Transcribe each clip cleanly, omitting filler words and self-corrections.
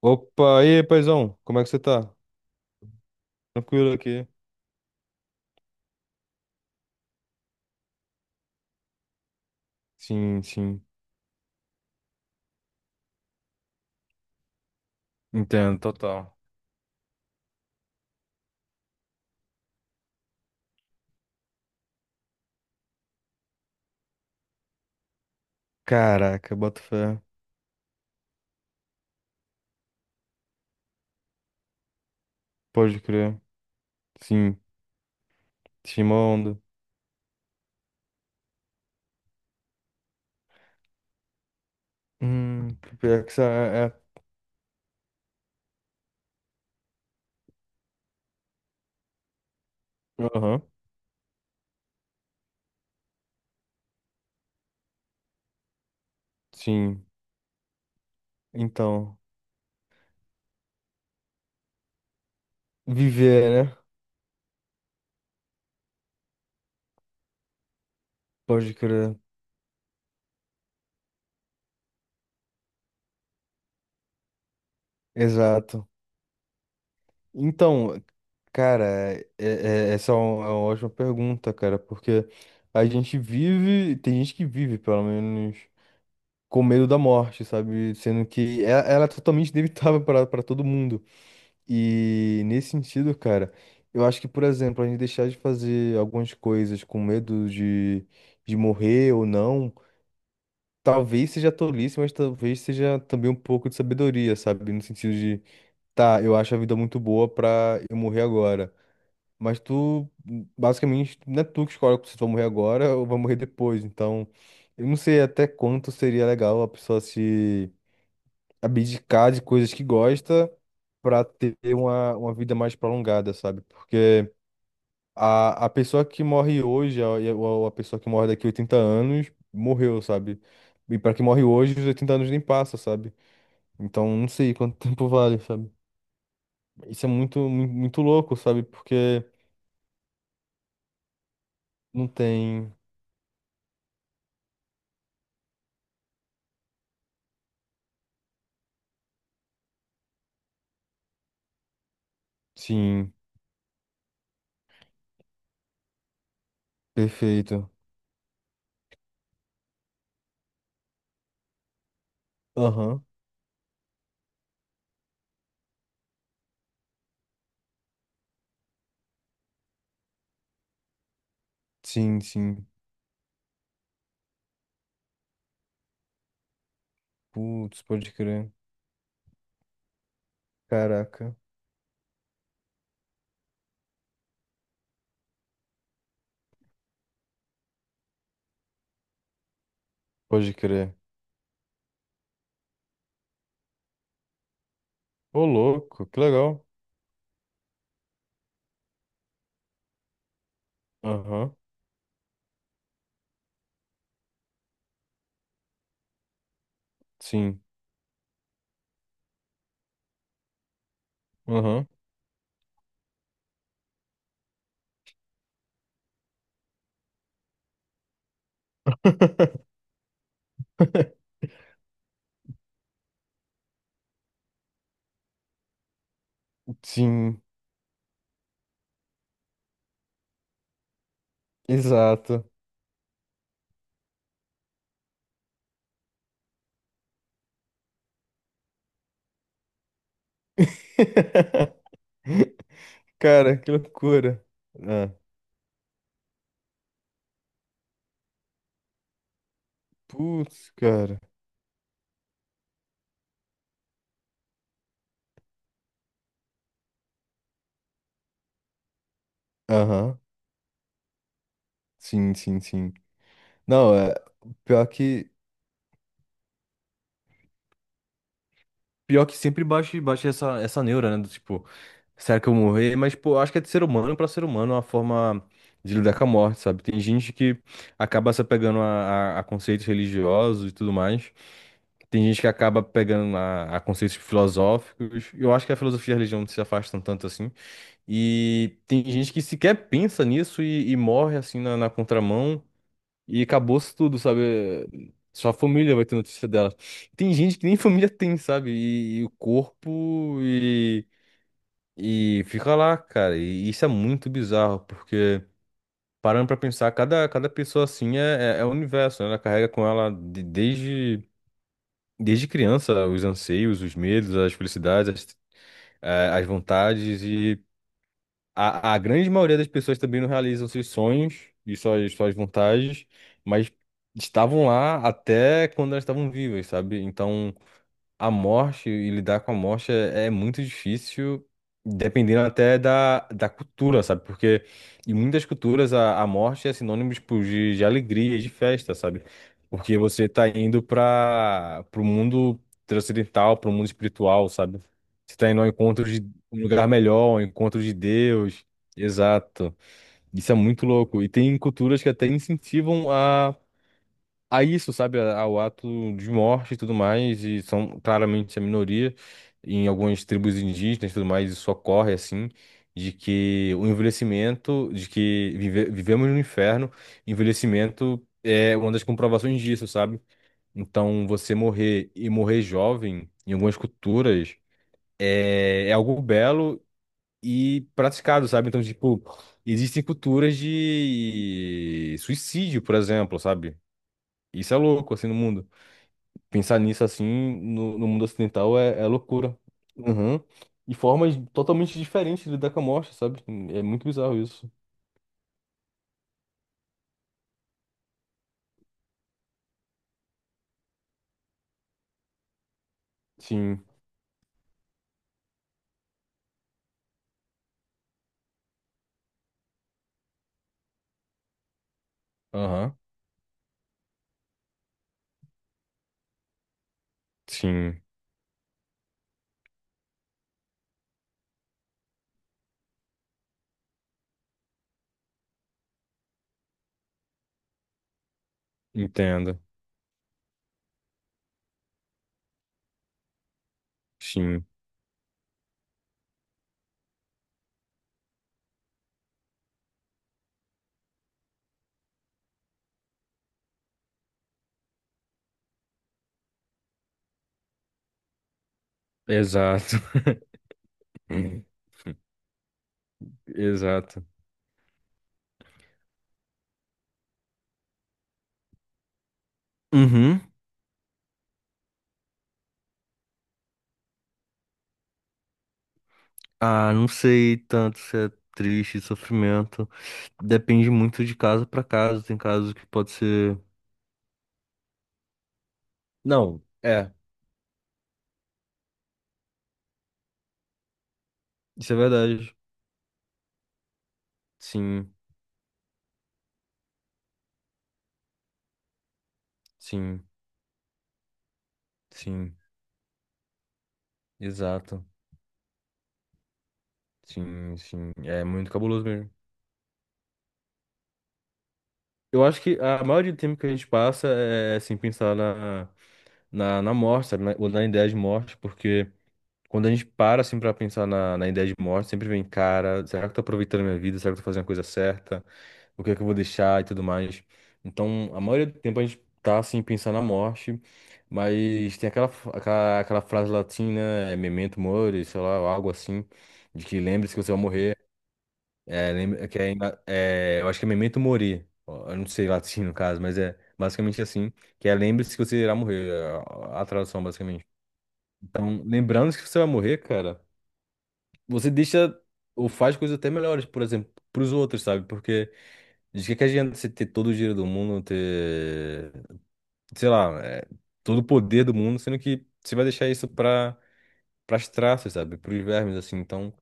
Opa, e aí, paizão, como é que você tá? Tranquilo aqui? Sim, sim. Entendo, total. Caraca, boto fé. Pode crer. Sim, tinha uma onda. Hum, pior que isso é. Aham, sim. Então, viver, né? Pode crer. Exato. Então, cara, essa é uma ótima pergunta, cara, porque a gente vive, tem gente que vive, pelo menos, com medo da morte, sabe? Sendo que ela é totalmente inevitável para todo mundo. E nesse sentido, cara, eu acho que, por exemplo, a gente deixar de fazer algumas coisas com medo de morrer ou não, talvez seja tolice, mas talvez seja também um pouco de sabedoria, sabe? No sentido de, tá, eu acho a vida muito boa pra eu morrer agora. Mas tu, basicamente, não é tu que escolhe se tu vai morrer agora ou vai morrer depois. Então, eu não sei até quanto seria legal a pessoa se abdicar de coisas que gosta para ter uma vida mais prolongada, sabe? Porque a pessoa que morre hoje, ou a pessoa que morre daqui a 80 anos, morreu, sabe? E para quem morre hoje, os 80 anos nem passa, sabe? Então não sei quanto tempo vale, sabe? Isso é muito louco, sabe? Porque não tem. Sim, perfeito. Aham. Sim, sim. Putz, pode crer. Caraca. Pode crer. Ô, louco, que legal. Aham. Sim. Aham. Sim, exato. Cara, que loucura. Ah, putz, cara. Aham. Sim, sim, sim. Não, é pior que pior que sempre bate essa neura, né? Do tipo, será que eu vou morrer? Mas, pô, eu acho que é de ser humano pra ser humano, é uma forma de lidar com a morte, sabe? Tem gente que acaba se apegando a a conceitos religiosos e tudo mais. Tem gente que acaba pegando a conceitos filosóficos. Eu acho que a filosofia e a religião não se afastam tanto assim. E tem gente que sequer pensa nisso e morre assim na contramão. E acabou-se tudo, sabe? Só a família vai ter notícia dela. Tem gente que nem família tem, sabe? E o corpo e fica lá, cara. E isso é muito bizarro, porque parando pra pensar, cada pessoa assim é um universo, né? Ela carrega com ela desde criança os anseios, os medos, as felicidades, as vontades. E a grande maioria das pessoas também não realizam seus sonhos e suas vontades, mas estavam lá até quando elas estavam vivas, sabe? Então a morte e lidar com a morte é muito difícil, dependendo até da cultura, sabe? Porque em muitas culturas a morte é sinônimo tipo, de alegria, de festa, sabe? Porque você tá indo para o mundo transcendental, para o mundo espiritual, sabe? Você tá indo ao encontro de um lugar melhor, ao encontro de Deus. Exato. Isso é muito louco. E tem culturas que até incentivam a isso, sabe, a- ao ato de morte e tudo mais, e são claramente a minoria em algumas tribos indígenas e tudo mais, isso ocorre assim, de que o envelhecimento, de que vivemos no inferno, envelhecimento é uma das comprovações disso, sabe? Então, você morrer e morrer jovem, em algumas culturas, é algo belo e praticado, sabe? Então, tipo, existem culturas de suicídio, por exemplo, sabe? Isso é louco, assim, no mundo. Pensar nisso assim no, no mundo ocidental é loucura. Uhum. E formas totalmente diferentes de lidar com a morte, sabe? É muito bizarro isso. Sim. Aham. Sim. Entendo. Sim. Exato. Exato. Uhum. Ah, não sei tanto se é triste, sofrimento. Depende muito de caso pra caso. Tem casos que pode ser. Não, é. Isso é verdade. Sim, sim, sim. Exato. Sim, sim. É muito cabuloso mesmo. Eu acho que a maioria do tempo que a gente passa é assim pensar na morte, sabe? Na, ou na ideia de morte, porque quando a gente para assim pra pensar na, na ideia de morte, sempre vem, cara, será que eu tô aproveitando a minha vida? Será que eu tô fazendo a coisa certa? O que é que eu vou deixar e tudo mais? Então, a maioria do tempo a gente tá assim pensando na morte, mas tem aquela frase latina, é, memento mori, sei lá, ou algo assim, de que lembre-se que você vai morrer. É, lembra, que é, é, eu acho que é memento mori. Ó, eu não sei latim no caso, mas é basicamente assim, que é lembre-se que você irá morrer, é a tradução basicamente. Então, lembrando que você vai morrer, cara, você deixa ou faz coisas até melhores, por exemplo, pros outros, sabe? Porque de que adianta você ter todo o dinheiro do mundo, ter, sei lá, é, todo o poder do mundo, sendo que você vai deixar isso pra para as traças, sabe? Para os vermes, assim. Então,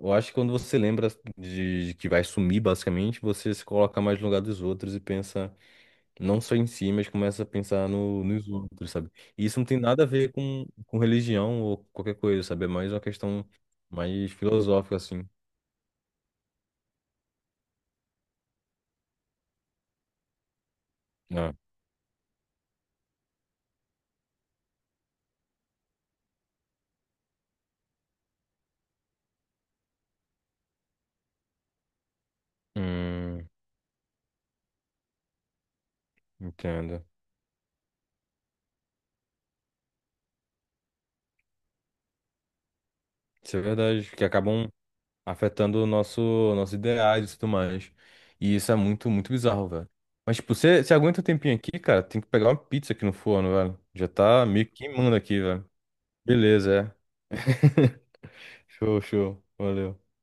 eu acho que quando você lembra de que vai sumir, basicamente, você se coloca mais no lugar dos outros e pensa não só em si, mas começa a pensar no, nos outros, sabe? E isso não tem nada a ver com religião ou qualquer coisa, sabe? É mais uma questão mais filosófica, assim. Ah, hum, entendo. Isso é verdade, que acabam afetando o nosso, nossos ideais e tudo mais. E isso é muito, muito bizarro, velho. Mas, tipo, você aguenta um tempinho aqui, cara, tem que pegar uma pizza aqui no forno, velho. Já tá meio queimando aqui, velho. Beleza, é. Show, show. Valeu.